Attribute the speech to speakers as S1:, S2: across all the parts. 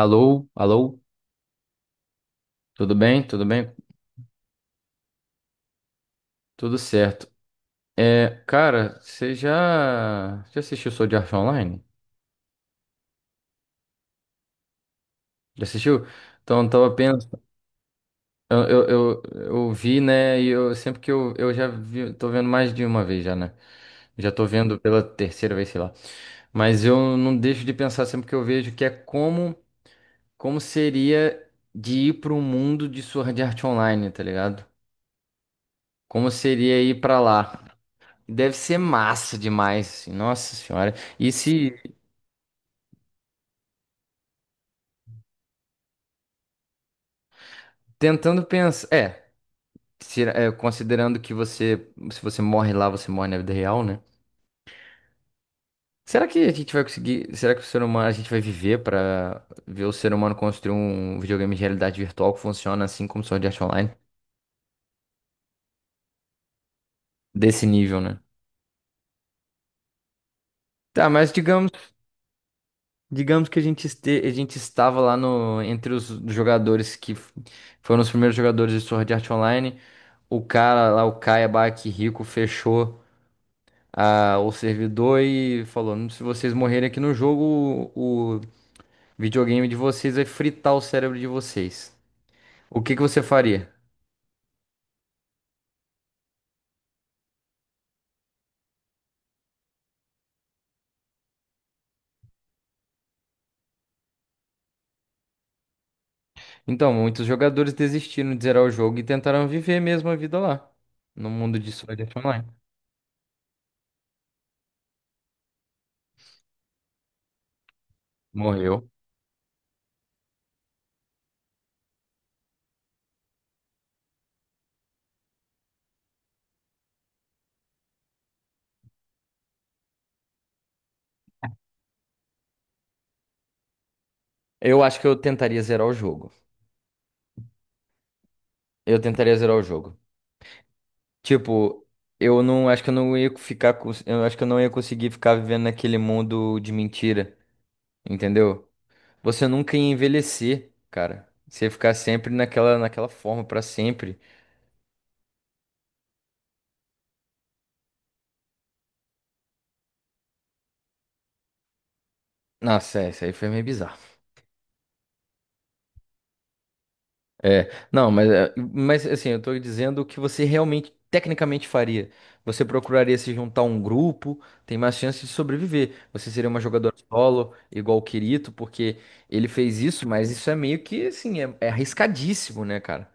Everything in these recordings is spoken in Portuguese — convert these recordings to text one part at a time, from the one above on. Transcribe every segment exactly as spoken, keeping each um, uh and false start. S1: Alô, alô, tudo bem? Tudo bem? Tudo certo. É, cara, você já, já assistiu Sword Art Online? Já assistiu? Então, eu tava pensando, eu, eu, eu, eu vi, né, e eu sempre que eu, eu já vi, tô vendo mais de uma vez já, né? Já tô vendo pela terceira vez, sei lá. Mas eu não deixo de pensar sempre que eu vejo que é como, como seria de ir para o mundo de Sword Art Online, tá ligado? Como seria ir pra lá? Deve ser massa demais, assim, Nossa Senhora. E se tentando pensar, é, tira- é, considerando que você, se você morre lá, você morre na vida real, né? Será que a gente vai conseguir? Será que o ser humano, a gente vai viver pra ver o ser humano construir um videogame de realidade virtual que funciona assim como Sword Art Online desse nível, né? Tá, mas digamos, digamos que a gente este, a gente estava lá no entre os jogadores que f- foram os primeiros jogadores de Sword Art Online. O cara lá, o Kaiba, que rico, fechou a- o servidor e falou: "Hum, se vocês morrerem aqui no jogo, o, o videogame de vocês vai fritar o cérebro de vocês. O que que você faria? Então, muitos jogadores desistiram de zerar o jogo e tentaram viver mesmo a vida lá, no mundo de Sword Art Online. Morreu. Eu acho que eu tentaria zerar o jogo. Eu tentaria zerar o jogo. Tipo, eu não acho que eu não ia ficar, cons- eu acho que eu não ia conseguir ficar vivendo naquele mundo de mentira, entendeu? Você nunca ia envelhecer, cara. Você ia ficar sempre naquela, naquela forma pra sempre. Nossa, é, isso aí foi meio bizarro. É, não, mas, é, mas assim, eu tô dizendo o que você realmente, tecnicamente faria. Você procuraria se juntar a um grupo, tem mais chance de sobreviver. Você seria uma jogadora solo, igual o Kirito, porque ele fez isso, mas isso é meio que, assim, é, é arriscadíssimo, né, cara?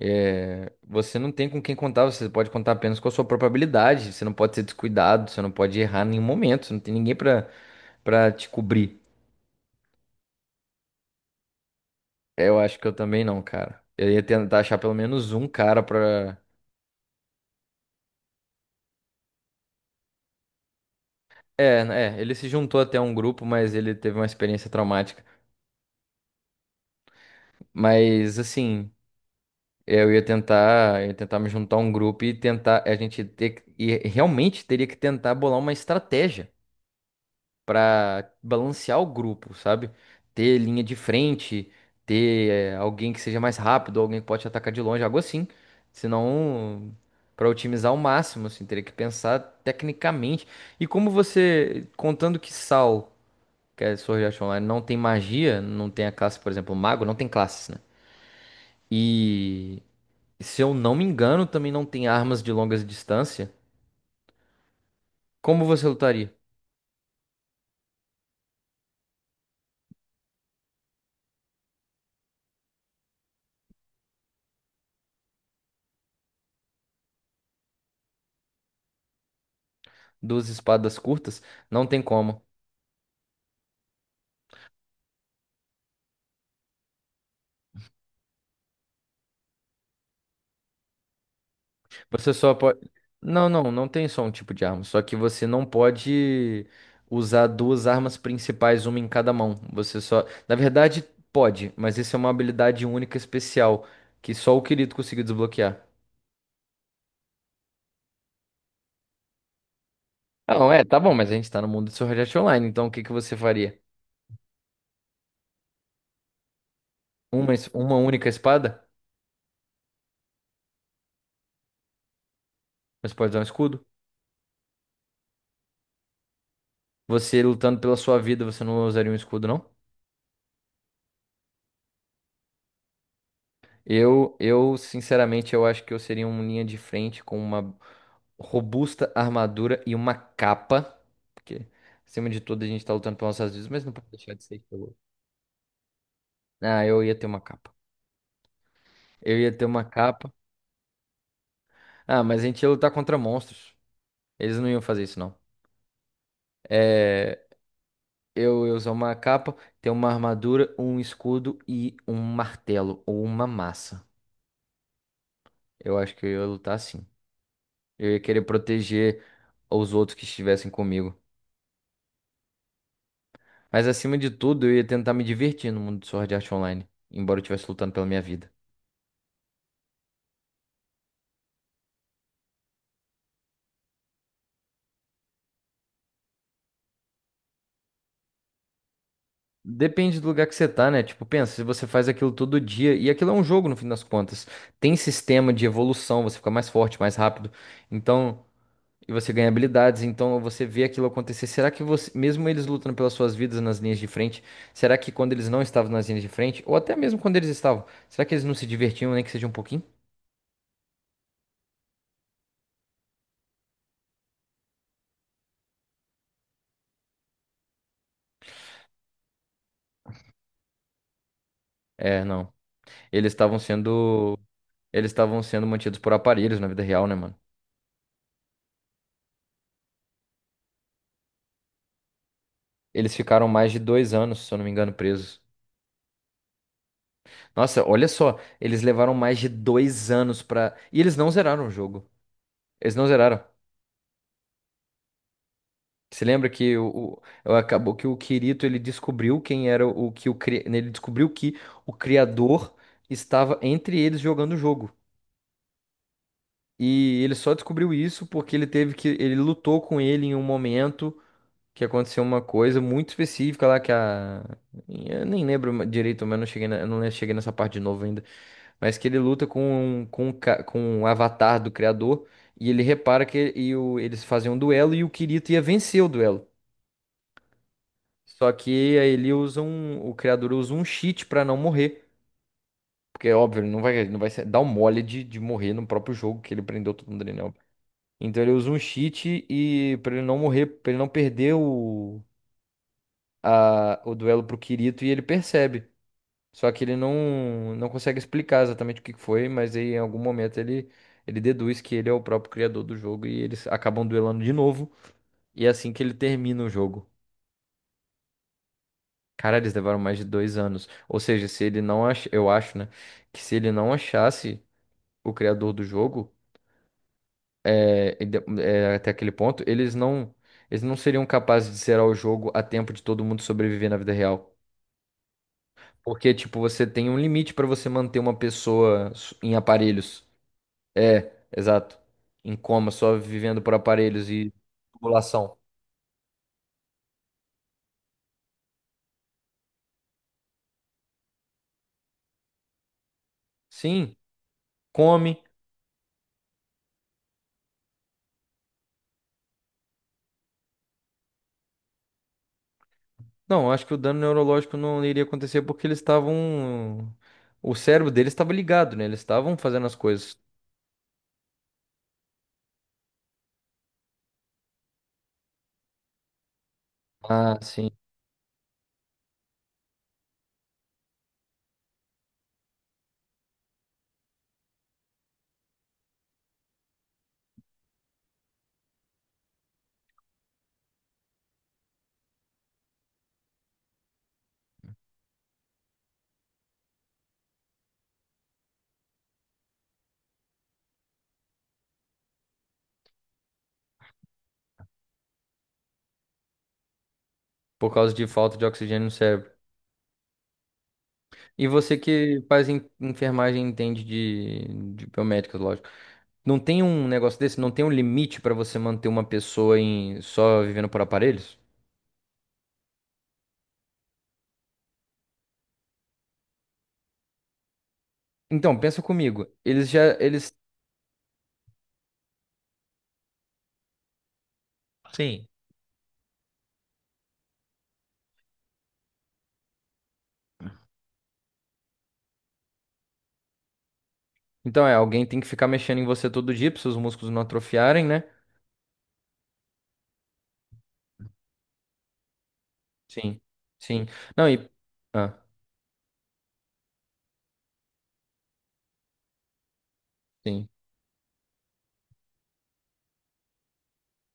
S1: É, você não tem com quem contar, você pode contar apenas com a sua própria habilidade. Você não pode ser descuidado, você não pode errar em nenhum momento, você não tem ninguém pra, pra te cobrir. É, Eu acho que eu também não, cara. Eu ia tentar achar pelo menos um cara pra. É, é, ele se juntou até a um grupo, mas ele teve uma experiência traumática. Mas assim, eu ia tentar, eu ia tentar me juntar a um grupo e tentar, a gente ter que- e realmente teria que tentar bolar uma estratégia para balancear o grupo, sabe? Ter linha de frente, ter eh, alguém que seja mais rápido, alguém que pode atacar de longe, algo assim. Senão, para otimizar ao máximo, assim, teria que pensar tecnicamente. E como você, contando que Sal, que é Sword Art Online, não tem magia, não tem a classe, por exemplo, mago, não tem classes, né? E se eu não me engano, também não tem armas de longas distância. Como você lutaria? Duas espadas curtas? Não tem como. Você só pode. Não, não, não tem só um tipo de arma. Só que você não pode usar duas armas principais, uma em cada mão. Você só. Na verdade, pode, mas isso é uma habilidade única especial que só o Kirito conseguiu desbloquear. Não, é, tá bom, mas a gente tá no mundo de Sword Art Online, então o que que você faria? Uma, es- uma única espada? Mas pode usar um escudo? Você lutando pela sua vida, você não usaria um escudo, não? Eu, eu, sinceramente, eu acho que eu seria um linha de frente com uma robusta armadura e uma capa. Porque, acima de tudo, a gente tá lutando pelas nossas vidas, mas não pode deixar de ser pelo. Ah, eu ia ter uma capa. Eu ia ter uma capa. Ah, mas a gente ia lutar contra monstros. Eles não iam fazer isso, não. É, eu ia usar uma capa, ter uma armadura, um escudo e um martelo ou uma massa. Eu acho que eu ia lutar assim. Eu ia querer proteger os outros que estivessem comigo. Mas acima de tudo, eu ia tentar me divertir no mundo do Sword Art Online, embora eu estivesse lutando pela minha vida. Depende do lugar que você tá, né? Tipo, pensa, se você faz aquilo todo dia, e aquilo é um jogo no fim das contas. Tem sistema de evolução, você fica mais forte, mais rápido. Então, e você ganha habilidades, então você vê aquilo acontecer. Será que você, mesmo eles lutando pelas suas vidas nas linhas de frente, será que quando eles não estavam nas linhas de frente, ou até mesmo quando eles estavam, será que eles não se divertiam, nem que seja um pouquinho? É, não. Eles estavam sendo, eles estavam sendo mantidos por aparelhos na vida real, né, mano? Eles ficaram mais de dois anos, se eu não me engano, presos. Nossa, olha só, eles levaram mais de dois anos pra. E eles não zeraram o jogo. Eles não zeraram. Você lembra que o, o- acabou que o Kirito ele descobriu quem era o que o cri... ele descobriu que o criador estava entre eles jogando o jogo. E ele só descobriu isso porque ele teve que ele lutou com ele em um momento que aconteceu uma coisa muito específica lá que a eu nem lembro direito, mas eu não cheguei na- eu não cheguei nessa parte de novo ainda. Mas que ele luta com com o ca- com o avatar do criador e ele repara que e o- eles fazem um duelo e o Kirito ia vencer o duelo. Só que aí ele usa um, o criador usa um cheat pra não morrer, porque óbvio, ele não vai ele não vai ser- dar um mole de, de morrer no próprio jogo que ele prendeu todo mundo ali, né? Então ele usa um cheat e para ele não morrer, pra ele não perder o a- o duelo pro Kirito e ele percebe. Só que ele não, não consegue explicar exatamente o que que foi, mas aí em algum momento ele, ele deduz que ele é o próprio criador do jogo e eles acabam duelando de novo. E é assim que ele termina o jogo. Cara, eles levaram mais de dois anos. Ou seja, se ele não ach... eu acho, né? Que se ele não achasse o criador do jogo, é, e de- é, até aquele ponto, eles não, eles não seriam capazes de zerar o jogo a tempo de todo mundo sobreviver na vida real. Porque, tipo, você tem um limite pra você manter uma pessoa su- em aparelhos. É, exato. Em coma, só vivendo por aparelhos e tubulação. Sim, come. Não, acho que o dano neurológico não iria acontecer porque eles estavam. O cérebro deles estava ligado, né? Eles estavam fazendo as coisas. Ah, sim. Por causa de falta de oxigênio no cérebro. E você que faz en- enfermagem entende de, de biomédicas, lógico. Não tem um negócio desse? Não tem um limite pra você manter uma pessoa em só vivendo por aparelhos? Então, pensa comigo. Eles já, eles. Sim. Então é, alguém tem que ficar mexendo em você todo dia pra seus músculos não atrofiarem, né? Sim. Sim. Não, e. Ah, sim.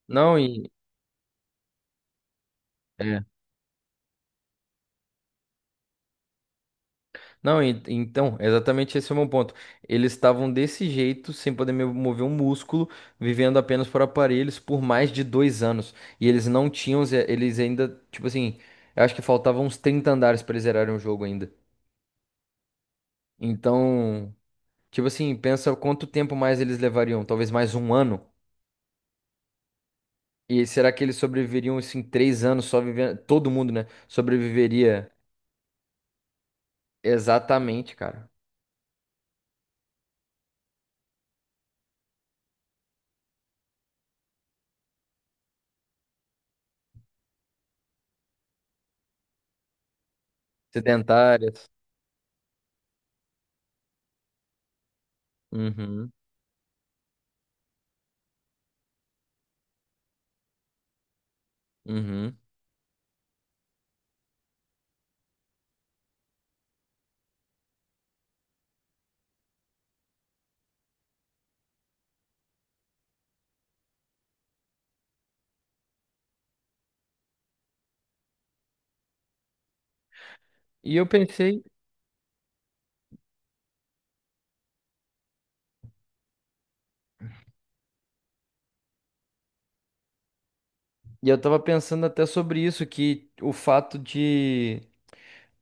S1: Não, e. é, Não, en- então, exatamente esse é o meu ponto. Eles estavam desse jeito, sem poder me- mover um músculo, vivendo apenas por aparelhos por mais de dois anos. E eles não tinham, ze- eles ainda, tipo assim, eu acho que faltavam uns trinta andares para eles zerarem o jogo ainda. Então, tipo assim, pensa quanto tempo mais eles levariam, talvez mais um ano. E será que eles sobreviveriam, assim, três anos só vivendo? Todo mundo, né? Sobreviveria exatamente, cara. Sedentárias. Uhum, uhum. E eu pensei. E eu tava pensando até sobre isso, que o fato de.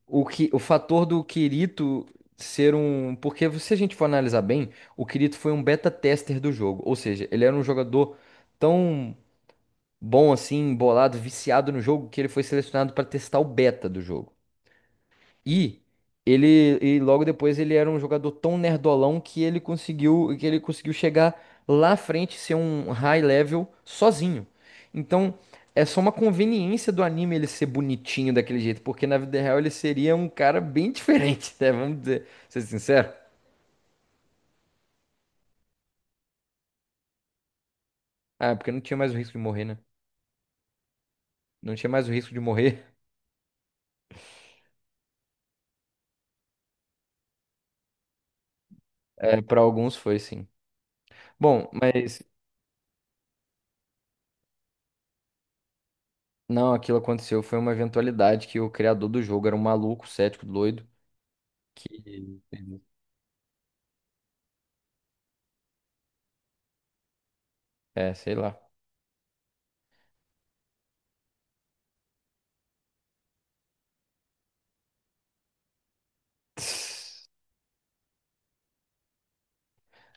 S1: O, que, o fator do Kirito ser um. Porque se a gente for analisar bem, o Kirito foi um beta tester do jogo. Ou seja, ele era um jogador tão bom assim, embolado, viciado no jogo, que ele foi selecionado para testar o beta do jogo. E ele e logo depois ele era um jogador tão nerdolão que ele conseguiu que ele conseguiu chegar lá à frente e ser um high level sozinho. Então, é só uma conveniência do anime ele ser bonitinho daquele jeito, porque na vida real ele seria um cara bem diferente, né? Vamos dizer, ser sincero. Ah, porque não tinha mais o risco de morrer, né? Não tinha mais o risco de morrer. É, para alguns foi sim. Bom, mas não, aquilo aconteceu foi uma eventualidade que o criador do jogo era um maluco, cético, doido que. É, sei lá.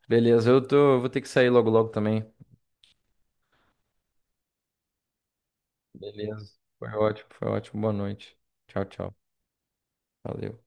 S1: Beleza, eu tô, eu vou ter que sair logo logo também. Beleza. Foi ótimo, foi ótimo. Boa noite. Tchau, tchau. Valeu.